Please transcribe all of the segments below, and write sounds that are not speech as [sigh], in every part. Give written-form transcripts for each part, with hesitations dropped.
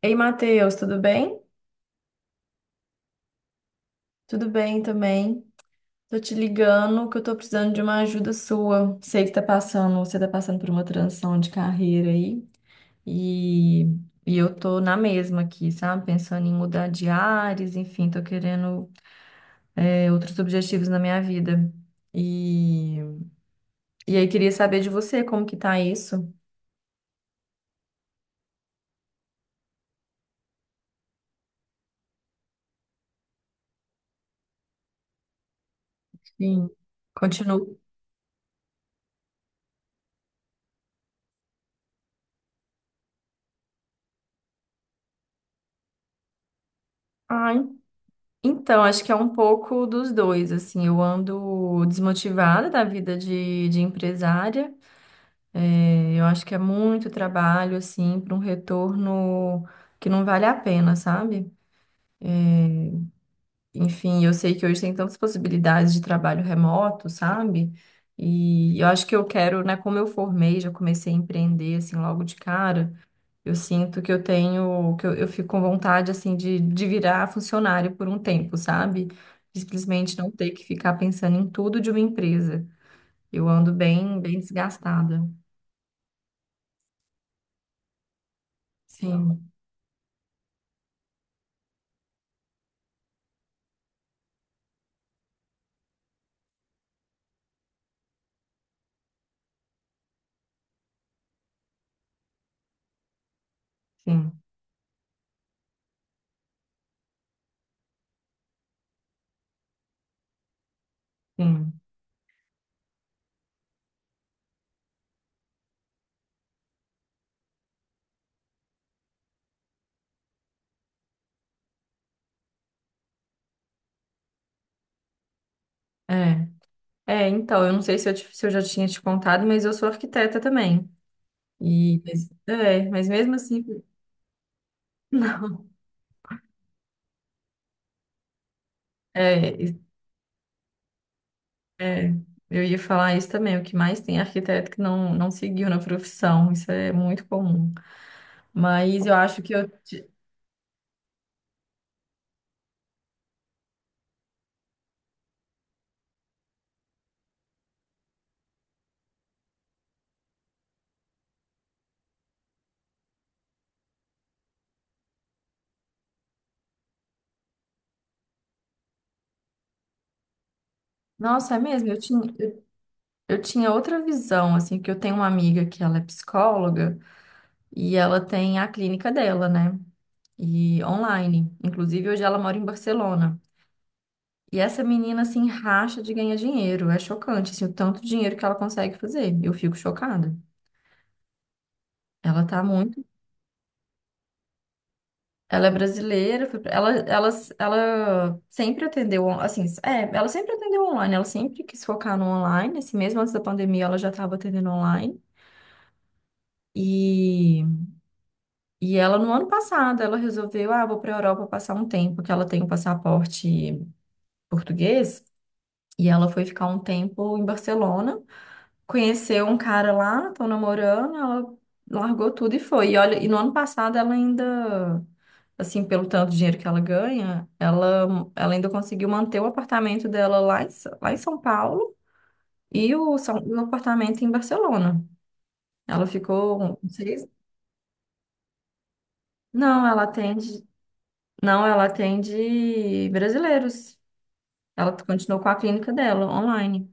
Ei, Matheus, tudo bem? Tudo bem também. Tô te ligando que eu tô precisando de uma ajuda sua. Sei que tá passando, você tá passando por uma transição de carreira aí e, e eu tô na mesma aqui, sabe? Pensando em mudar de áreas, enfim, tô querendo outros objetivos na minha vida. E, e aí queria saber de você como que tá isso. Sim, continuo. Ah, Então, acho que é um pouco dos dois, assim, eu ando desmotivada da vida de empresária. É, eu acho que é muito trabalho, assim, para um retorno que não vale a pena, sabe? É, enfim, eu sei que hoje tem tantas possibilidades de trabalho remoto, sabe? E eu acho que eu quero, né, como eu formei, já comecei a empreender, assim, logo de cara, eu sinto que eu tenho, que eu fico com vontade, assim, de virar funcionário por um tempo, sabe? De simplesmente não ter que ficar pensando em tudo de uma empresa. Eu ando bem, bem desgastada. Sim, sim, sim. É. É, então, eu não sei se eu, se eu já tinha te contado, mas eu sou arquiteta também. E, mas, é, mas mesmo assim, [laughs] não. É, e- é, eu ia falar isso também. O que mais tem é arquiteto que não seguiu na profissão. Isso é muito comum. Mas eu acho que eu... Nossa, é mesmo? Eu tinha outra visão, assim, que eu tenho uma amiga que ela é psicóloga e ela tem a clínica dela, né? E online. Inclusive, hoje ela mora em Barcelona. E essa menina, assim, racha de ganhar dinheiro. É chocante, assim, o tanto de dinheiro que ela consegue fazer. Eu fico chocada. Ela tá muito. Ela é brasileira, foi pra- ela sempre atendeu, assim, é, ela sempre atendeu online, ela sempre quis focar no online, assim, mesmo antes da pandemia ela já estava atendendo online. E E ela, no ano passado, ela resolveu, ah, vou para a Europa passar um tempo, que ela tem um passaporte português. E ela foi ficar um tempo em Barcelona, conheceu um cara lá, estão namorando, ela largou tudo e foi. E olha, e no ano passado ela ainda, assim, pelo tanto de dinheiro que ela ganha, ela ainda conseguiu manter o apartamento dela lá em, lá em São Paulo e o, o apartamento em Barcelona. Ela ficou seis. Não, ela atende. Não, ela atende brasileiros. Ela continuou com a clínica dela, online.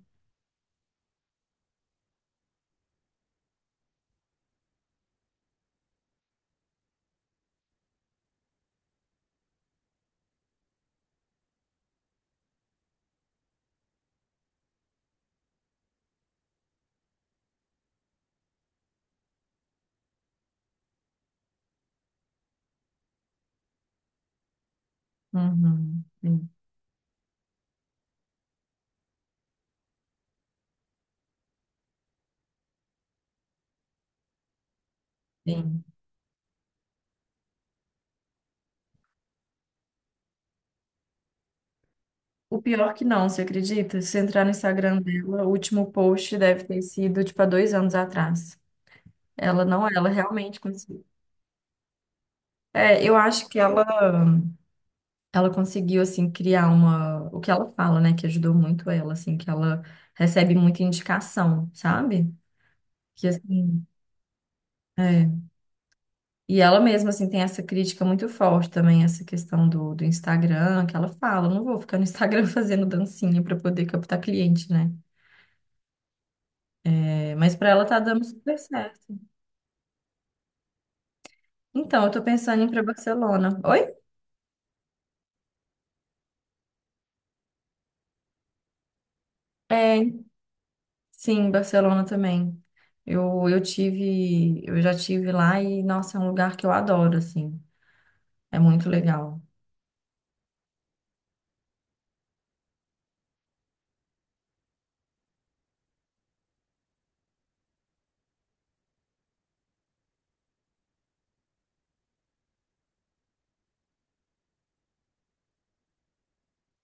Uhum, sim, sim. O pior que não, você acredita? Se você entrar no Instagram dela, o último post deve ter sido, tipo, há dois anos atrás. Ela não, ela realmente conseguiu. É, eu acho que ela conseguiu, assim, criar uma... O que ela fala, né? Que ajudou muito ela, assim, que ela recebe muita indicação, sabe? Que, assim, é. E ela mesma, assim, tem essa crítica muito forte também, essa questão do Instagram, que ela fala, não vou ficar no Instagram [laughs] fazendo dancinha para poder captar cliente, né? É, mas para ela tá dando super certo. Então, eu tô pensando em ir para Barcelona. Oi? É, sim, Barcelona também. Eu tive, eu já tive lá e, nossa, é um lugar que eu adoro, assim. É muito legal.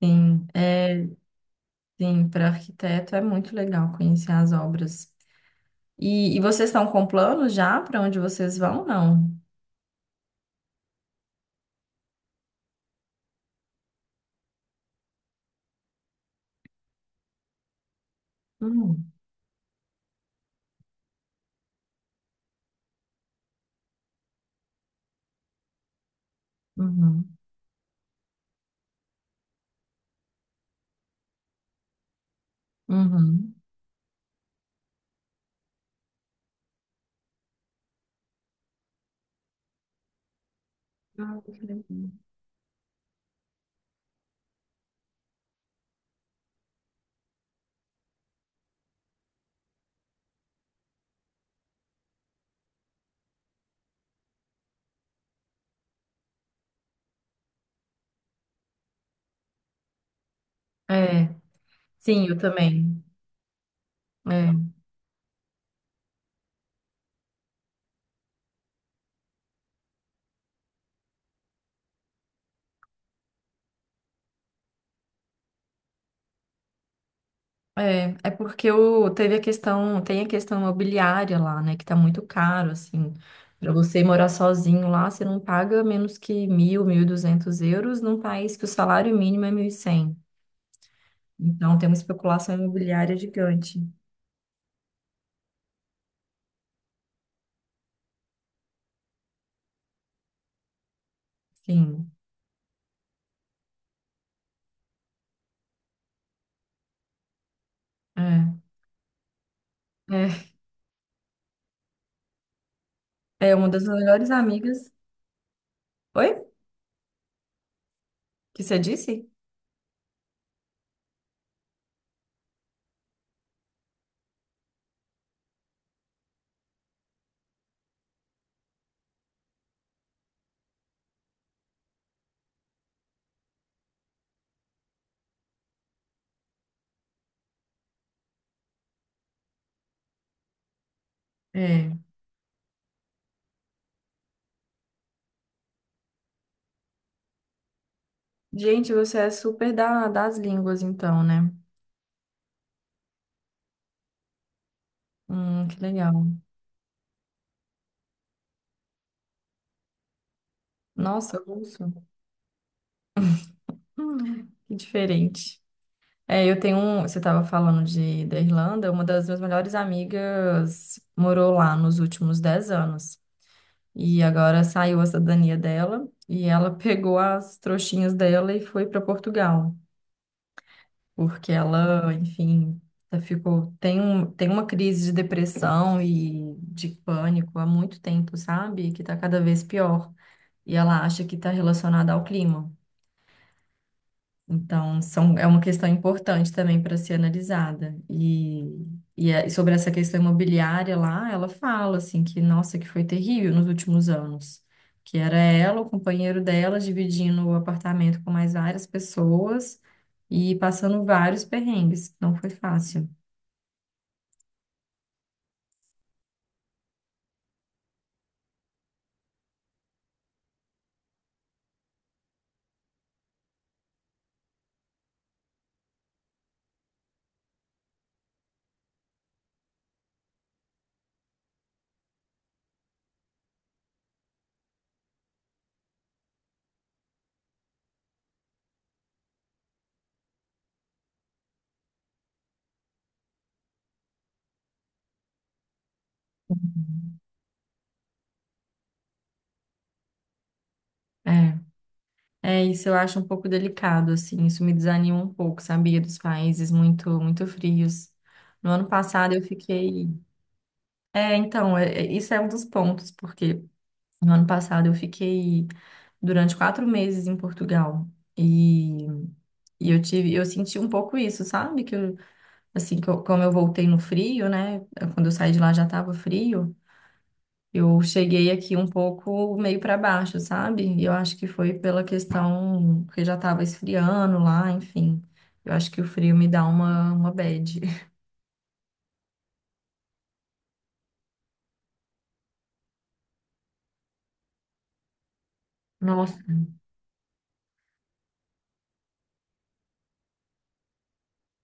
Sim, é, sim, para arquiteto é muito legal conhecer as obras. E vocês estão com planos já para onde vocês vão? Não. Hum, uhum, uhum. Ah, que legal. É, sim, eu também. É, é, é porque o, teve a questão, tem a questão imobiliária lá, né, que tá muito caro, assim, para você morar sozinho lá, você não paga menos que mil, mil e duzentos euros num país que o salário mínimo é mil e cem. Então, tem uma especulação imobiliária gigante. Sim, é, é, é uma das melhores amigas. Oi? Que você disse? É. Gente, você é super das línguas, então, né? Que legal. Nossa, russo. Que diferente. É, eu tenho um. Você estava falando da Irlanda, uma das minhas melhores amigas morou lá nos últimos 10 anos. E agora saiu a cidadania dela e ela [laughs] pegou as trouxinhas dela e foi para Portugal. Porque ela, enfim, ela ficou. Tem uma crise de depressão e de pânico há muito tempo, sabe? Que tá cada vez pior. E ela acha que está relacionada ao clima. Então, são, é uma questão importante também para ser analisada. E, e sobre essa questão imobiliária lá, ela fala assim que, nossa, que foi terrível nos últimos anos, que era ela, o companheiro dela, dividindo o apartamento com mais várias pessoas e passando vários perrengues. Não foi fácil. É. É, isso eu acho um pouco delicado, assim, isso me desanima um pouco, sabia? Dos países muito, muito frios. No ano passado eu fiquei... É, então, isso é um dos pontos, porque no ano passado eu fiquei durante 4 meses em Portugal e, e eu tive, eu senti um pouco isso, sabe? Que eu, assim, como eu voltei no frio, né? É, quando eu saí de lá já estava frio, eu cheguei aqui um pouco meio para baixo, sabe? E eu acho que foi pela questão que já estava esfriando lá, enfim. Eu acho que o frio me dá uma bad. Nossa.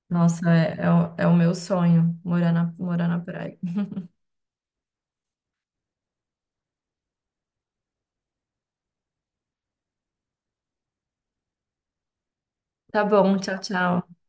Nossa, é, é, o, é o meu sonho, morar na praia. Tá bom, tchau, tchau.